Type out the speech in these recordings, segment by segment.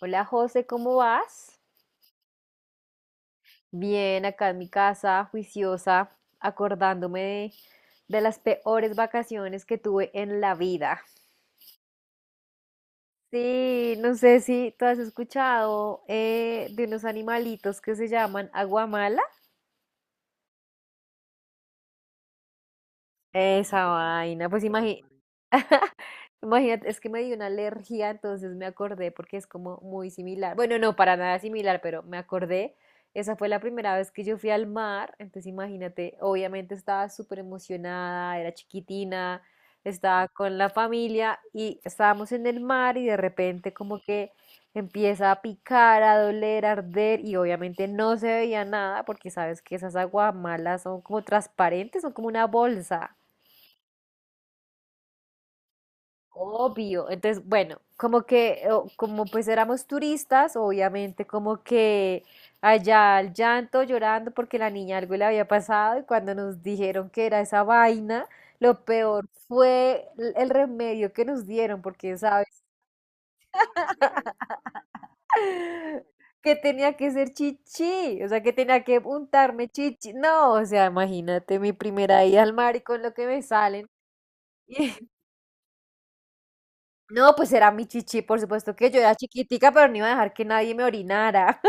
Hola José, ¿cómo vas? Bien, acá en mi casa, juiciosa, acordándome de las peores vacaciones que tuve en la vida. Sí, no sé si tú has escuchado de unos animalitos que se llaman aguamala. Esa vaina, pues imagínate. Imagínate, es que me dio una alergia, entonces me acordé porque es como muy similar. Bueno, no, para nada similar, pero me acordé. Esa fue la primera vez que yo fui al mar, entonces imagínate, obviamente estaba súper emocionada, era chiquitina, estaba con la familia y estábamos en el mar y de repente como que empieza a picar, a doler, a arder y obviamente no se veía nada porque sabes que esas aguamalas son como transparentes, son como una bolsa. Obvio. Entonces, bueno, como que, como pues éramos turistas, obviamente como que allá al llanto, llorando porque la niña algo le había pasado y cuando nos dijeron que era esa vaina, lo peor fue el remedio que nos dieron, porque, ¿sabes? Que tenía que ser chichi, o sea, que tenía que untarme chichi. No, o sea, imagínate mi primera ida al mar y con lo que me salen. No, pues era mi chichi, por supuesto que yo era chiquitica, pero no iba a dejar que nadie me orinara.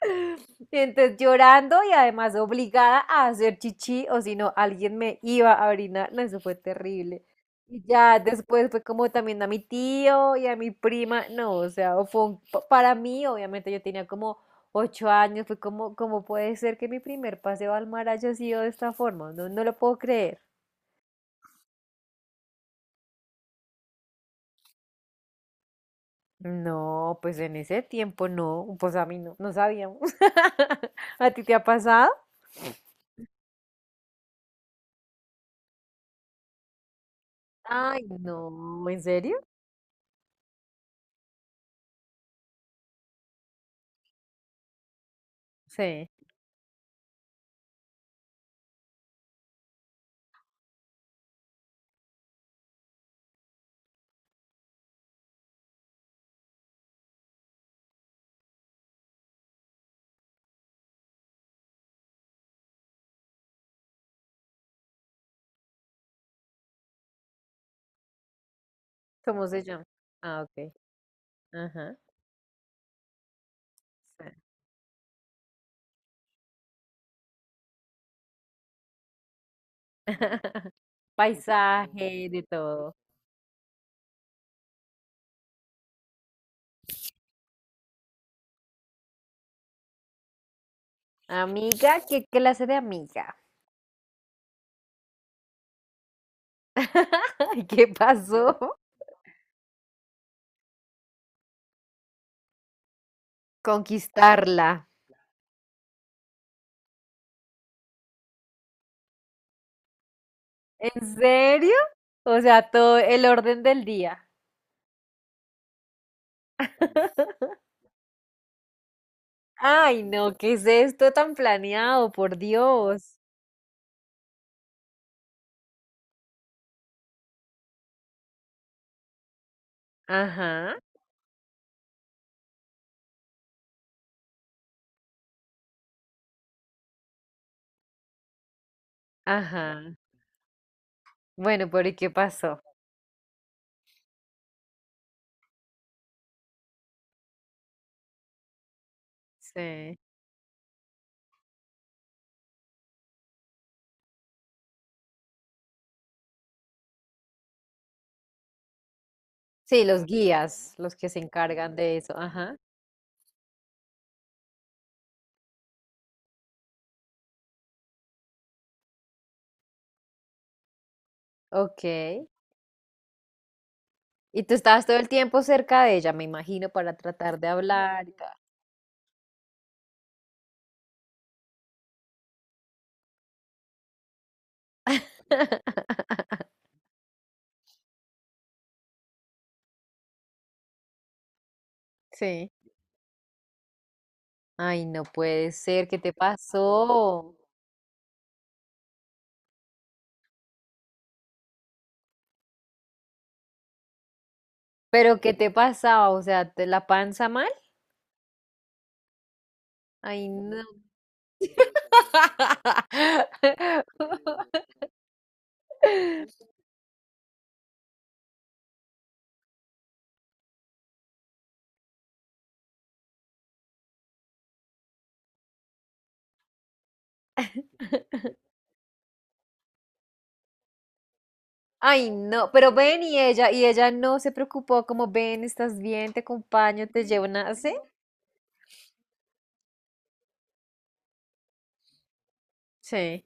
Entonces llorando y además obligada a hacer chichi, o si no, alguien me iba a orinar. No, eso fue terrible. Y ya después fue como también a mi tío y a mi prima. No, o sea, para mí, obviamente yo tenía como ocho años, fue como, como puede ser que mi primer paseo al mar haya sido de esta forma? No, no lo puedo creer. No, pues en ese tiempo no, pues a mí no sabíamos. ¿A ti te ha pasado? Ay, no, ¿en serio? Sí. ¿Cómo se llama? Ah, ok. Ajá. Sí. Paisaje, de todo. Amiga, ¿qué clase de amiga? Ay, ¿qué pasó? Conquistarla. ¿En serio? O sea, todo el orden del día. Ay, no, ¿qué es esto tan planeado? Por Dios. Ajá, ajá. Bueno, pero ¿y qué pasó? Sí. Sí, los guías, los que se encargan de eso. Ajá. Ok. Y tú estabas todo el tiempo cerca de ella, me imagino, para tratar de hablar y tal. Sí. Ay, no puede ser, ¿qué te pasó? ¿Pero qué te pasaba? O sea, ¿te la panza mal? Ay, no. Ay, no. Pero ven y ella no se preocupó, como ven, estás bien, te acompaño, te llevo una. ¿Sí? Sí.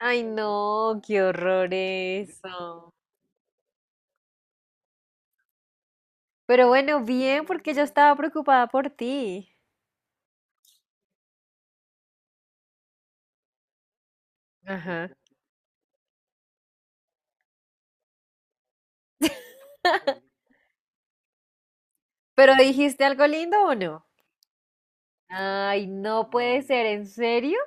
Ay, no, qué horror eso. Pero bueno, bien, porque yo estaba preocupada por ti. Ajá. ¿Pero dijiste algo lindo o no? Ay, no puede ser, ¿en serio?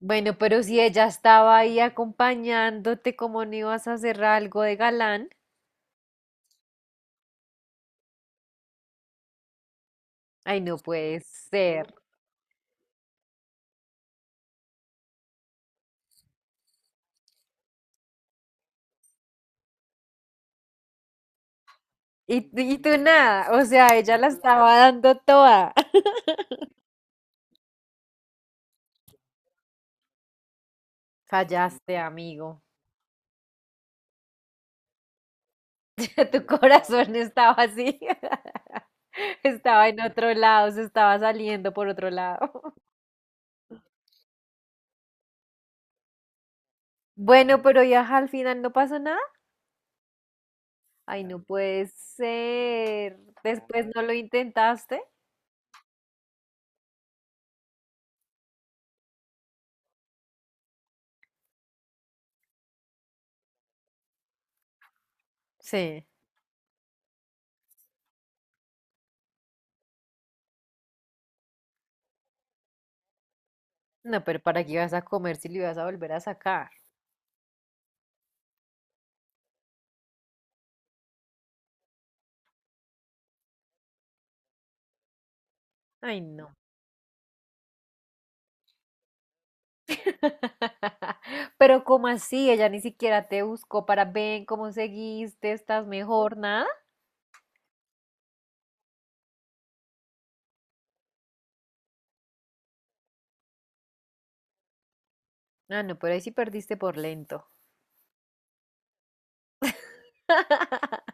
Bueno, pero si ella estaba ahí acompañándote, ¿cómo no ibas a hacer algo de galán? Ay, no puede ser. Y tú nada, o sea, ella la estaba dando toda. Fallaste, amigo. Tu corazón estaba así. Estaba en otro lado, se estaba saliendo por otro lado. Bueno, pero ya al final no pasó nada. Ay, no puede ser. Después no lo intentaste. Sí. No, pero ¿para qué ibas a comer si lo ibas a volver a sacar? Ay, no. Pero ¿cómo así? Ella ni siquiera te buscó para ven cómo seguiste, estás mejor, nada. Ah, no, pero ahí sí perdiste por lento.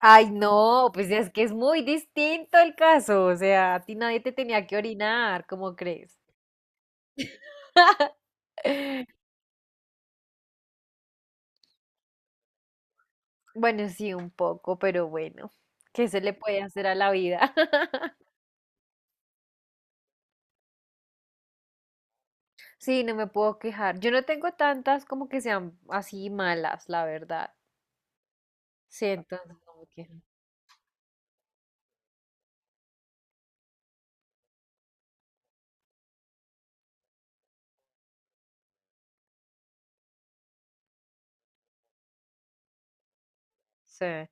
Ay, no, pues es que es muy distinto el caso. O sea, a ti nadie te tenía que orinar, ¿cómo crees? Bueno, sí, un poco, pero bueno, ¿qué se le puede hacer a la vida? Sí, no me puedo quejar. Yo no tengo tantas como que sean así malas, la verdad. Sí, entonces no me quejo. Sí.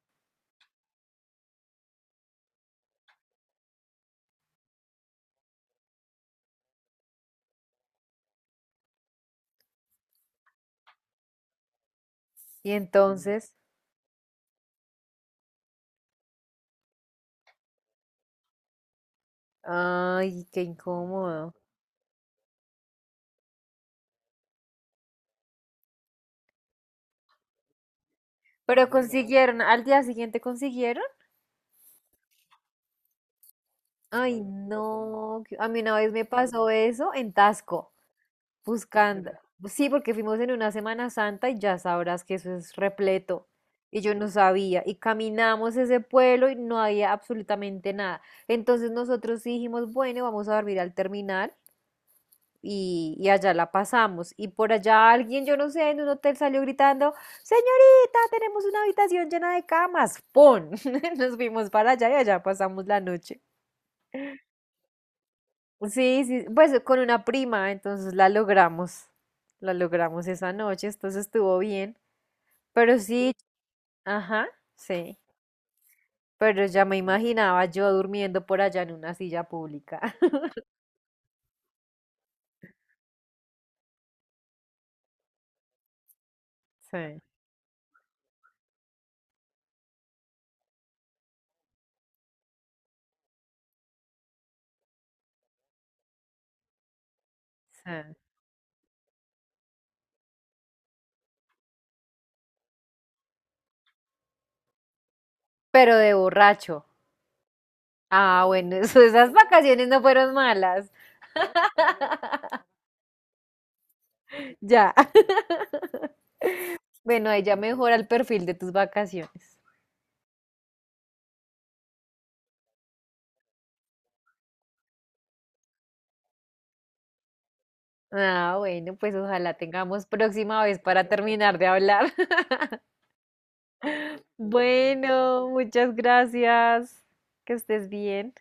Y entonces, ay, qué incómodo. Pero consiguieron, al día siguiente consiguieron. Ay, no. A mí una vez me pasó eso en Tasco. Buscando. Sí, porque fuimos en una Semana Santa y ya sabrás que eso es repleto. Y yo no sabía. Y caminamos ese pueblo y no había absolutamente nada. Entonces nosotros sí dijimos, bueno, vamos a dormir al terminal y allá la pasamos. Y por allá alguien, yo no sé, en un hotel salió gritando, señorita, tenemos una habitación llena de camas. ¡Pon! Nos fuimos para allá y allá pasamos la noche. Sí, sí, pues con una prima, entonces la logramos esa noche, entonces estuvo bien, pero sí, ajá, sí, pero ya me imaginaba yo durmiendo por allá en una silla pública, sí, sí, pero de borracho. Ah, bueno, esas vacaciones no fueron malas. Ya. Bueno, ahí ya mejora el perfil de tus vacaciones. Ah, bueno, pues ojalá tengamos próxima vez para terminar de hablar. Bueno, muchas gracias. Que estés bien.